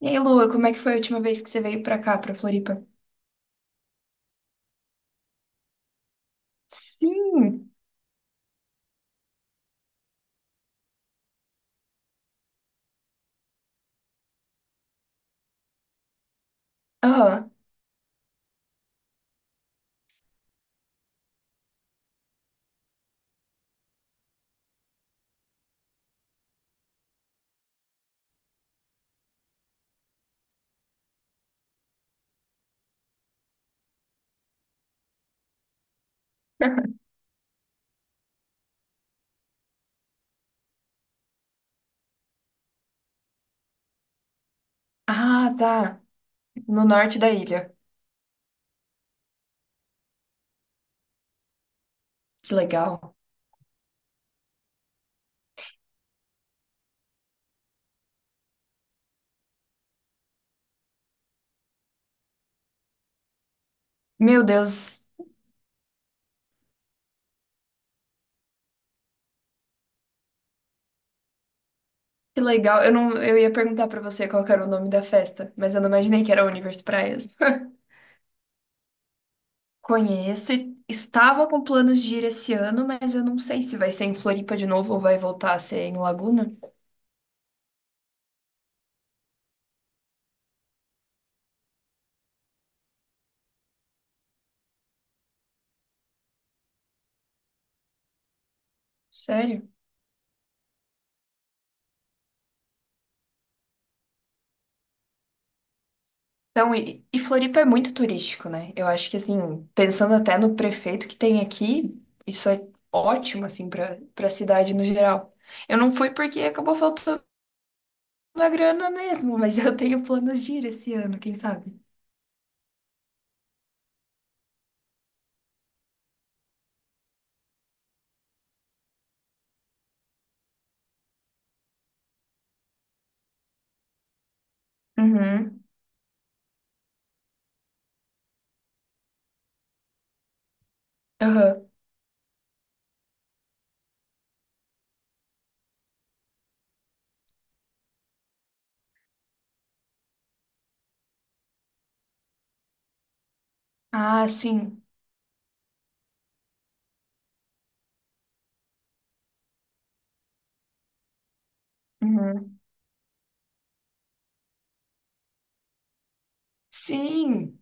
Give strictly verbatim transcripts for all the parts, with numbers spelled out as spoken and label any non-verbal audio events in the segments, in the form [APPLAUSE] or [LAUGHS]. E aí, Lua, como é que foi a última vez que você veio pra cá, pra Floripa? Sim. Aham. [LAUGHS] Ah, tá. No norte da ilha. Que legal. Meu Deus, que legal. Eu não, eu ia perguntar pra você qual que era o nome da festa, mas eu não imaginei que era Universo Praias. [LAUGHS] Conheço e estava com planos de ir esse ano, mas eu não sei se vai ser em Floripa de novo ou vai voltar a ser em Laguna. Sério? Então, e, e Floripa é muito turístico, né? Eu acho que, assim, pensando até no prefeito que tem aqui, isso é ótimo, assim, para para a cidade no geral. Eu não fui porque acabou faltando a grana mesmo, mas eu tenho planos de ir esse ano, quem sabe? Uhum. Aham. Ah, sim. Uhum. Sim.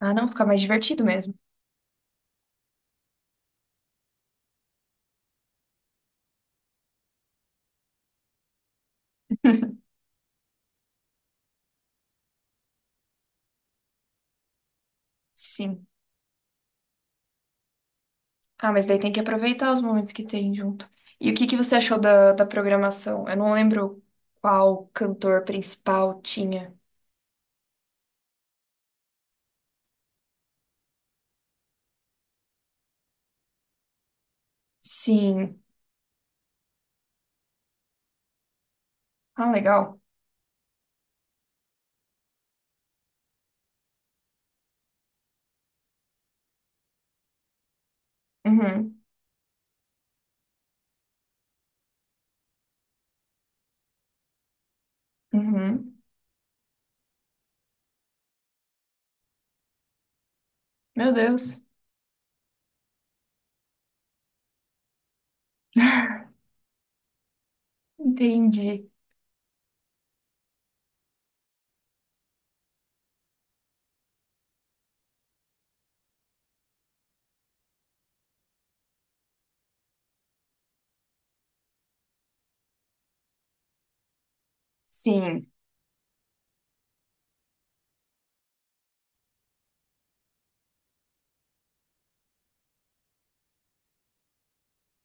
Ah, não, fica mais divertido mesmo. Sim. Ah, mas daí tem que aproveitar os momentos que tem junto. E o que que você achou da, da programação? Eu não lembro qual cantor principal tinha. Sim. Ah, legal. Uhum. Uhum. Meu Deus. Entendi. Sim.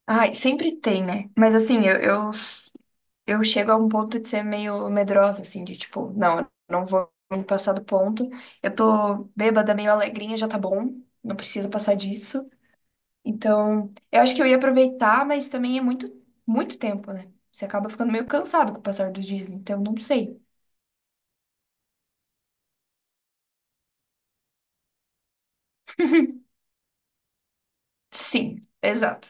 Ai, sempre tem, né? Mas assim, eu, eu, eu chego a um ponto de ser meio medrosa, assim, de tipo, não, eu não vou me passar do ponto. Eu tô bêbada, meio alegrinha, já tá bom. Não precisa passar disso. Então, eu acho que eu ia aproveitar, mas também é muito, muito tempo, né? Você acaba ficando meio cansado com o passar dos dias, então não sei. [LAUGHS] Sim, exato.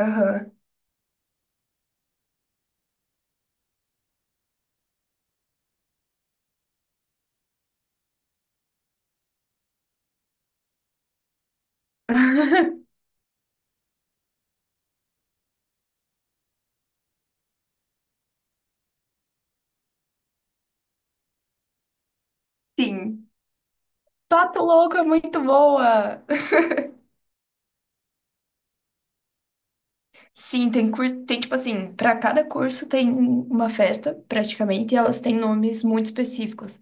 Aham. [LAUGHS] Sim. Pato Louco é muito boa! Sim, tem curso, tem tipo assim, para cada curso tem uma festa, praticamente, e elas têm nomes muito específicos.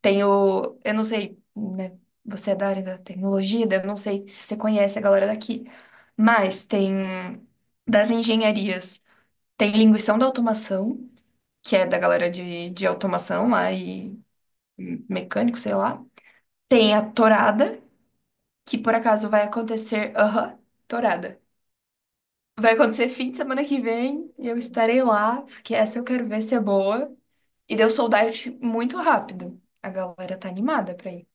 Tem o, eu não sei, né? Você é da área da tecnologia, daí eu não sei se você conhece a galera daqui, mas tem das engenharias, tem linguição da automação, que é da galera de, de automação lá e mecânico, sei lá. Tem a tourada, que por acaso vai acontecer, aham, tourada. Vai acontecer fim de semana que vem e eu estarei lá, porque essa eu quero ver se é boa. E deu sold out muito rápido. A galera tá animada pra ir.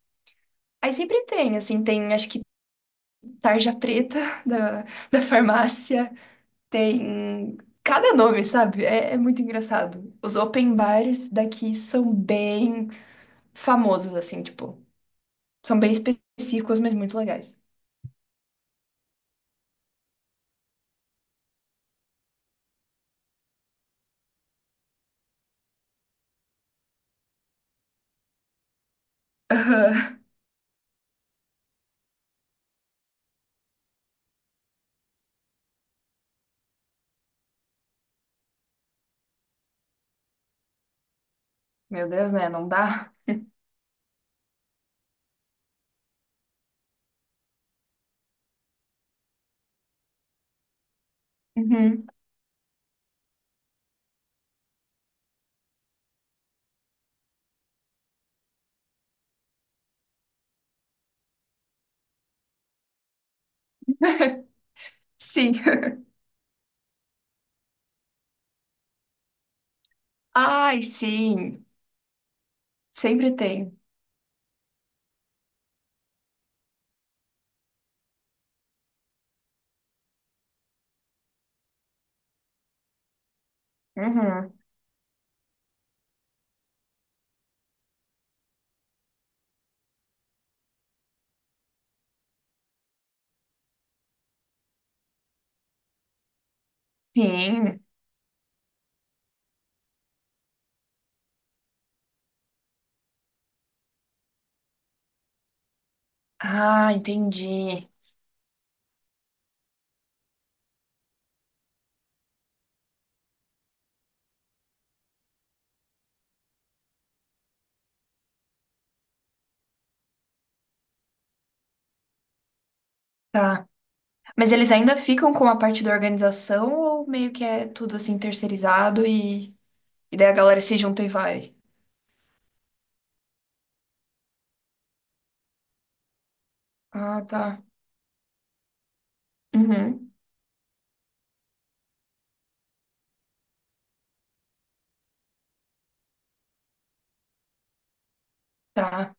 Aí sempre tem, assim, tem acho que tarja preta [LAUGHS] da, da farmácia, tem cada nome, sabe? É, é, muito engraçado. Os open bars daqui são bem famosos, assim, tipo, são bem específicos, mas muito legais. [LAUGHS] Meu Deus, né? Não dá? Uhum. Sim. [LAUGHS] Ai, sim. Sempre tem. Uhum. Sim. Ah, entendi. Tá. Mas eles ainda ficam com a parte da organização ou meio que é tudo assim terceirizado e, e daí a galera se junta e vai? Ah, tá. Uhum. Tá.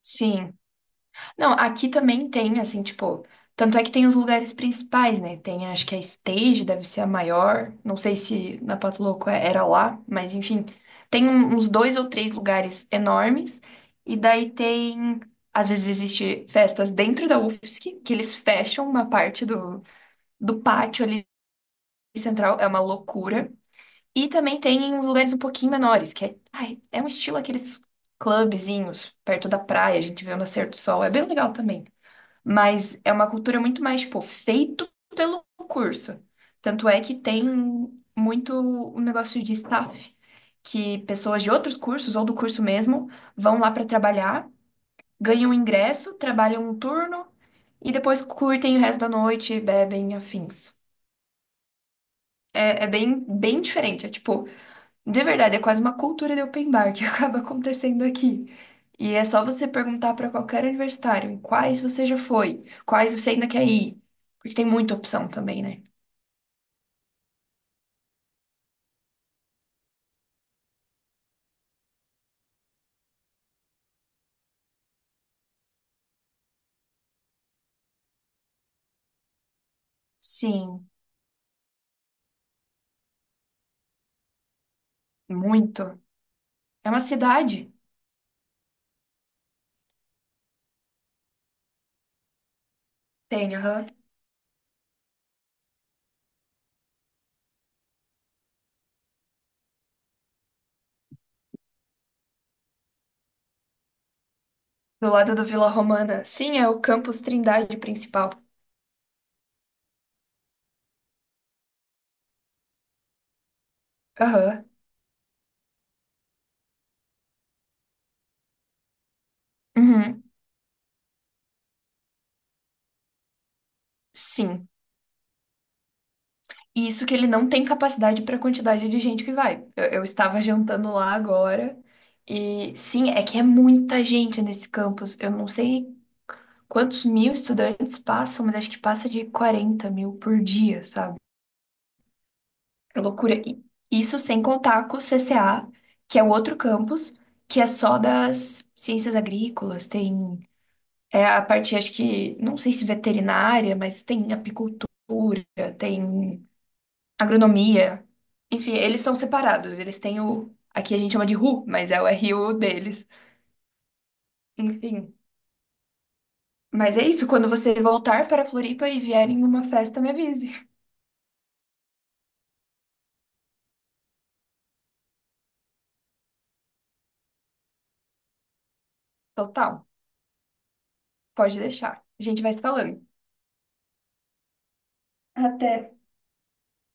Sim. Não, aqui também tem, assim, tipo, tanto é que tem os lugares principais, né? Tem, acho que a Stage deve ser a maior. Não sei se na Pato Louco é- era lá, mas enfim, tem um- uns dois ou três lugares enormes. E daí tem, às vezes existe festas dentro da U F S C, que eles fecham uma parte do, do pátio ali central, é uma loucura. E também tem uns lugares um pouquinho menores, que é, ai, é um estilo aqueles clubezinhos perto da praia, a gente vê o nascer do sol, é bem legal também. Mas é uma cultura muito mais, tipo, feito pelo curso. Tanto é que tem muito um negócio de staff, que pessoas de outros cursos ou do curso mesmo vão lá para trabalhar, ganham ingresso, trabalham um turno e depois curtem o resto da noite, bebem, afins. É, é, bem, bem diferente. É tipo, de verdade, é quase uma cultura de open bar que [LAUGHS] acaba acontecendo aqui. E é só você perguntar para qualquer universitário em quais você já foi, quais você ainda quer ir. Porque tem muita opção também, né? Sim, muito. É uma cidade? Tem, aham. Do lado do Vila Romana. Sim, é o campus Trindade principal. Aham. Uhum. Sim. E isso que ele não tem capacidade para a quantidade de gente que vai. Eu, eu estava jantando lá agora. E sim, é que é muita gente nesse campus. Eu não sei quantos mil estudantes passam, mas acho que passa de quarenta mil por dia, sabe? É loucura. E isso sem contar com o C C A, que é o outro campus, que é só das ciências agrícolas, tem é a parte, acho que, não sei se veterinária, mas tem apicultura, tem agronomia. Enfim, eles são separados, eles têm o. Aqui a gente chama de R U, mas é o R U deles. Enfim. Mas é isso, quando você voltar para Floripa e vier em uma festa, me avise. Total. Pode deixar. A gente vai se falando. Até.